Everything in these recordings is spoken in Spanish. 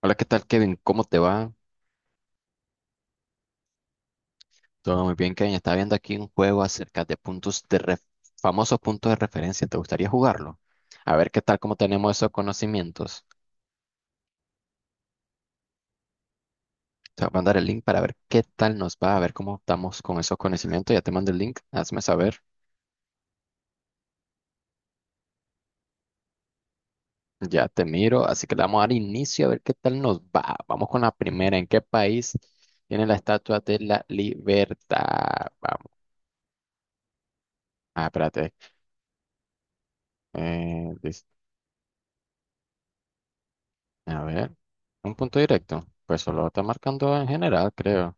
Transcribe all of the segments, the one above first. Hola, ¿qué tal, Kevin? ¿Cómo te va? Todo muy bien, Kevin. Estaba viendo aquí un juego acerca de famosos puntos de referencia. ¿Te gustaría jugarlo? A ver qué tal, cómo tenemos esos conocimientos. Te voy a mandar el link para ver qué tal nos va, a ver cómo estamos con esos conocimientos. Ya te mando el link, hazme saber. Ya te miro, así que le vamos a dar inicio a ver qué tal nos va. Vamos con la primera. ¿En qué país tiene la Estatua de la Libertad? Vamos. Ah, espérate. Eh, A ver, un punto directo. Pues solo está marcando en general, creo.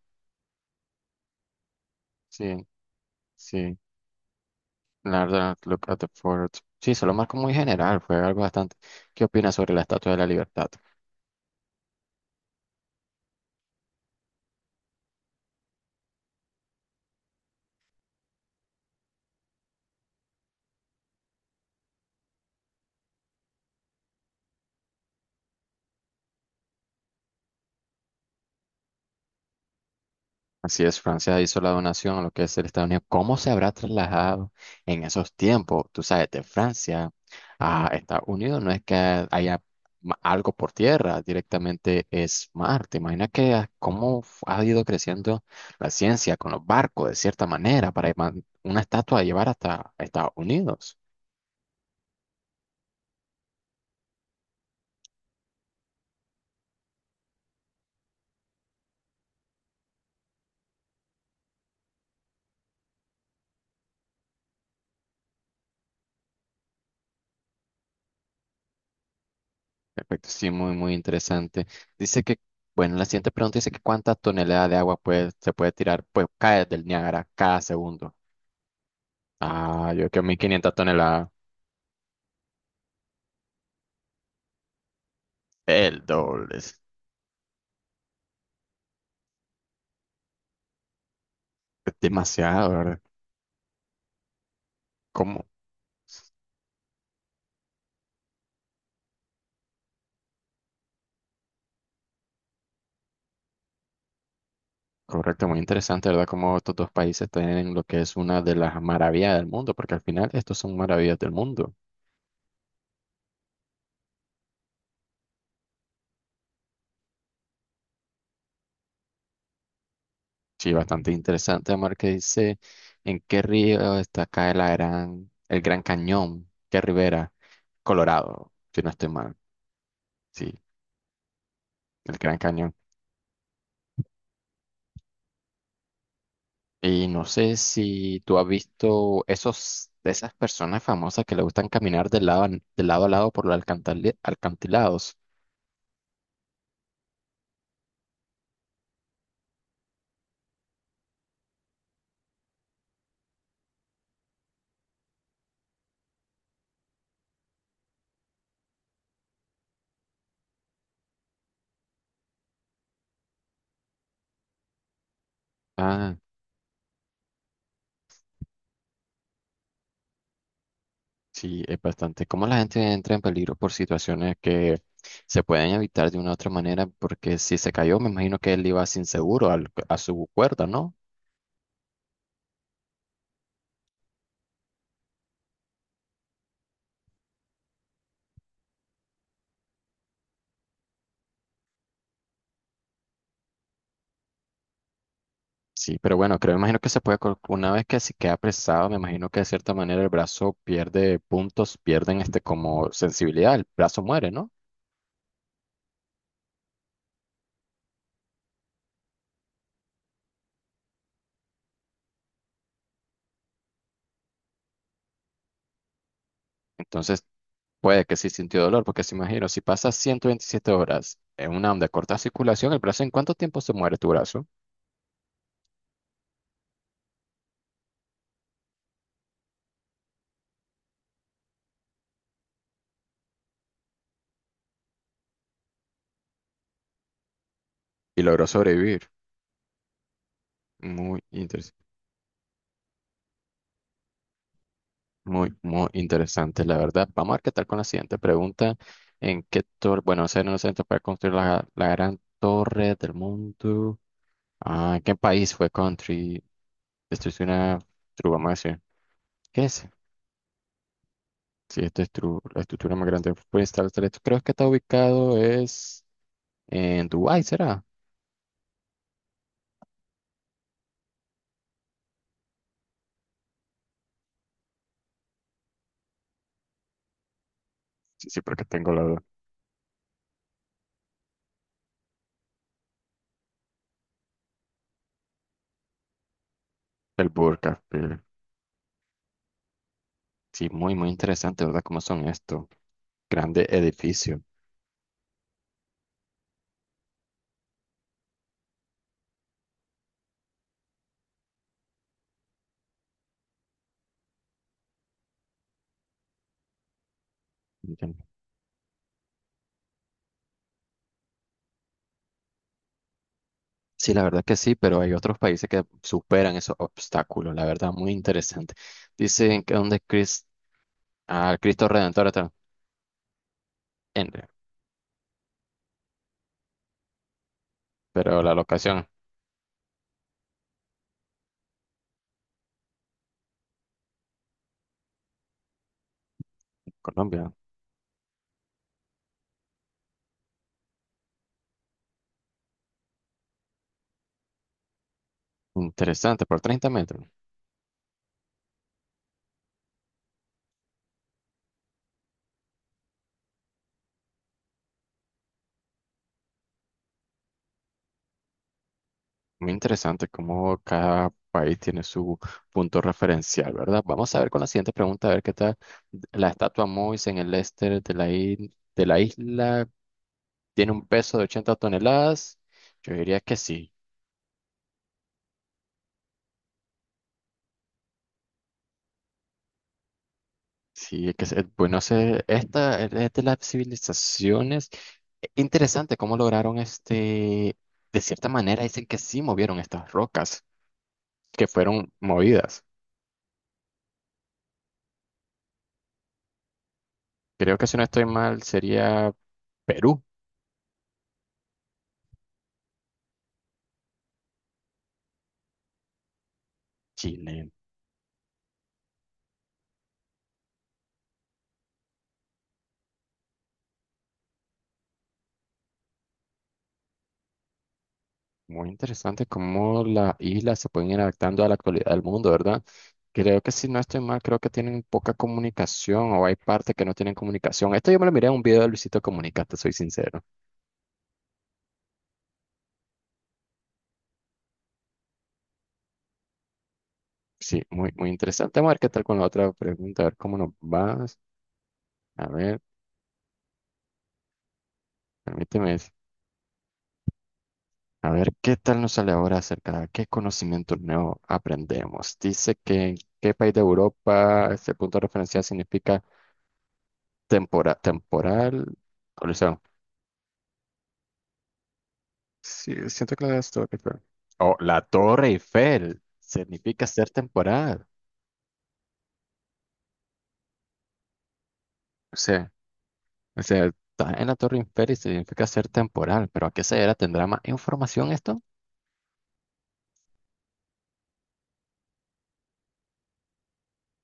Sí, sí. La verdad, look at the fort. Sí, se lo marco muy general, fue algo bastante. ¿Qué opinas sobre la Estatua de la Libertad? Así es, Francia hizo la donación a lo que es el Estados Unidos. ¿Cómo se habrá trasladado en esos tiempos? Tú sabes, de Francia a Estados Unidos no es que haya algo por tierra, directamente es mar. ¿Te imaginas que cómo ha ido creciendo la ciencia con los barcos de cierta manera para una estatua a llevar hasta Estados Unidos? Perfecto, sí, muy, muy interesante. Dice que, bueno, la siguiente pregunta dice que cuántas toneladas de agua pues, se puede tirar, pues cae del Niágara cada segundo. Ah, yo que 1.500 toneladas. El doble. Es demasiado, ¿verdad? ¿Cómo? Correcto, muy interesante, ¿verdad? Cómo estos dos países tienen lo que es una de las maravillas del mundo, porque al final estos son maravillas del mundo. Sí, bastante interesante, Amar, que dice en qué río está acá el Gran Cañón, qué ribera, Colorado, si no estoy mal. Sí, el Gran Cañón. Y no sé si tú has visto esos, de esas personas famosas que le gustan caminar de lado, de lado a lado por los alcantilados. Ah, sí, es bastante. Cómo la gente entra en peligro por situaciones que se pueden evitar de una u otra manera, porque si se cayó, me imagino que él iba sin seguro a su cuerda, ¿no? Sí, pero bueno, creo, me imagino que se puede, una vez que se queda apresado, me imagino que de cierta manera el brazo pierde puntos, pierden este como sensibilidad, el brazo muere, ¿no? Entonces, puede que sí sintió dolor, porque se imagino, si pasas 127 horas en una onda de corta circulación, el brazo, ¿en cuánto tiempo se muere tu brazo? Y logró sobrevivir. Muy interesante, muy, muy interesante, la verdad. Vamos a ver qué tal con la siguiente pregunta. ¿En qué torre, bueno, no sé, no sé, para construir la gran torre del mundo? Ah, ¿en qué país fue country? Esto es una true, vamos a decir. ¿Qué es? Sí, esto es true, la estructura más grande fue instalada. Creo que está ubicado es en Dubái, ¿será? Sí, sí, porque tengo la, el burka, pero sí, muy, muy interesante, ¿verdad? ¿Cómo son estos grandes edificios? Entiendo. Sí, la verdad que sí, pero hay otros países que superan esos obstáculos, la verdad, muy interesante. Dicen que donde Cristo Redentor está en, pero la locación, Colombia, interesante, por 30 metros. Muy interesante cómo cada país tiene su punto referencial, ¿verdad? Vamos a ver con la siguiente pregunta, a ver qué tal. La estatua Mois en el este de de la isla tiene un peso de 80 toneladas. Yo diría que sí. Sí, es que bueno, esta es de las civilizaciones. Interesante cómo lograron este, de cierta manera dicen que sí movieron estas rocas que fueron movidas. Creo que si no estoy mal sería Perú, Chile. Muy interesante cómo las islas se pueden ir adaptando a la actualidad del mundo, ¿verdad? Creo que si no estoy mal, creo que tienen poca comunicación o hay partes que no tienen comunicación. Esto yo me lo miré en un video de Luisito Comunica, te soy sincero. Sí, muy, muy interesante. Vamos a ver qué tal con la otra pregunta, a ver cómo nos vas. A ver, permíteme. A ver, ¿qué tal nos sale ahora acerca de qué conocimiento nuevo aprendemos? Dice que en qué país de Europa este punto de referencia significa temporal. Sí, siento que la Torre Eiffel. O la Torre Eiffel significa ser temporal. O sea, está en la Torre Eiffel y significa ser temporal. Pero ¿a qué se era? ¿Tendrá más información esto?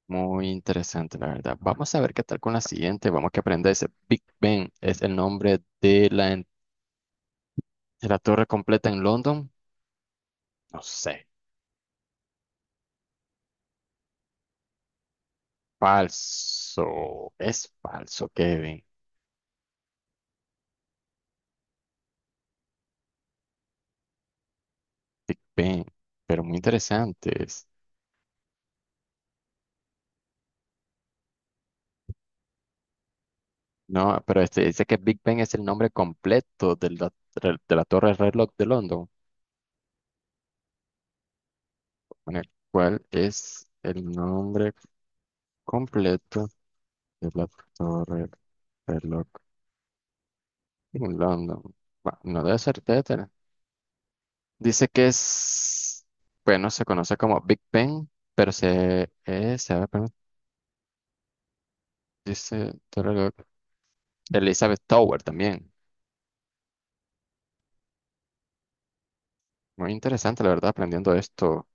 Muy interesante, la verdad. Vamos a ver qué tal con la siguiente. Vamos que aprender ese. Big Ben es el nombre de de la torre completa en London. No sé. Falso. Es falso, Kevin. Big Ben. Pero muy interesante. No, pero este, dice que Big Ben es el nombre completo de la Torre del Reloj de London. Bueno, ¿cuál es el nombre completo de la Torre del Reloj en London? Bueno, no debe ser, debe tener. Dice que es, bueno, se conoce como Big Ben, pero se llama, perdón, dice Torre del Reloj, Elizabeth Tower también. Muy interesante, la verdad, aprendiendo esto.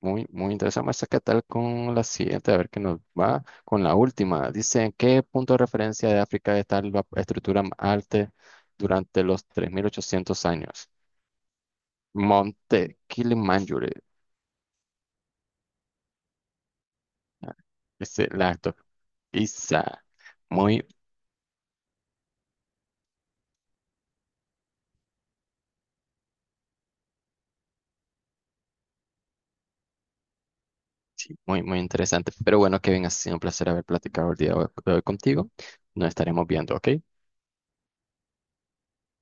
Muy, muy interesante. Vamos a ver qué tal con la siguiente, a ver qué nos va con la última. Dice, ¿en qué punto de referencia de África está la estructura más alta durante los 3.800 años? Monte Kilimanjaro. Ah, dice la Isa. Muy, sí, muy, muy interesante. Pero bueno, Kevin, ha sido un placer haber platicado el día de hoy contigo. Nos estaremos viendo, ¿ok?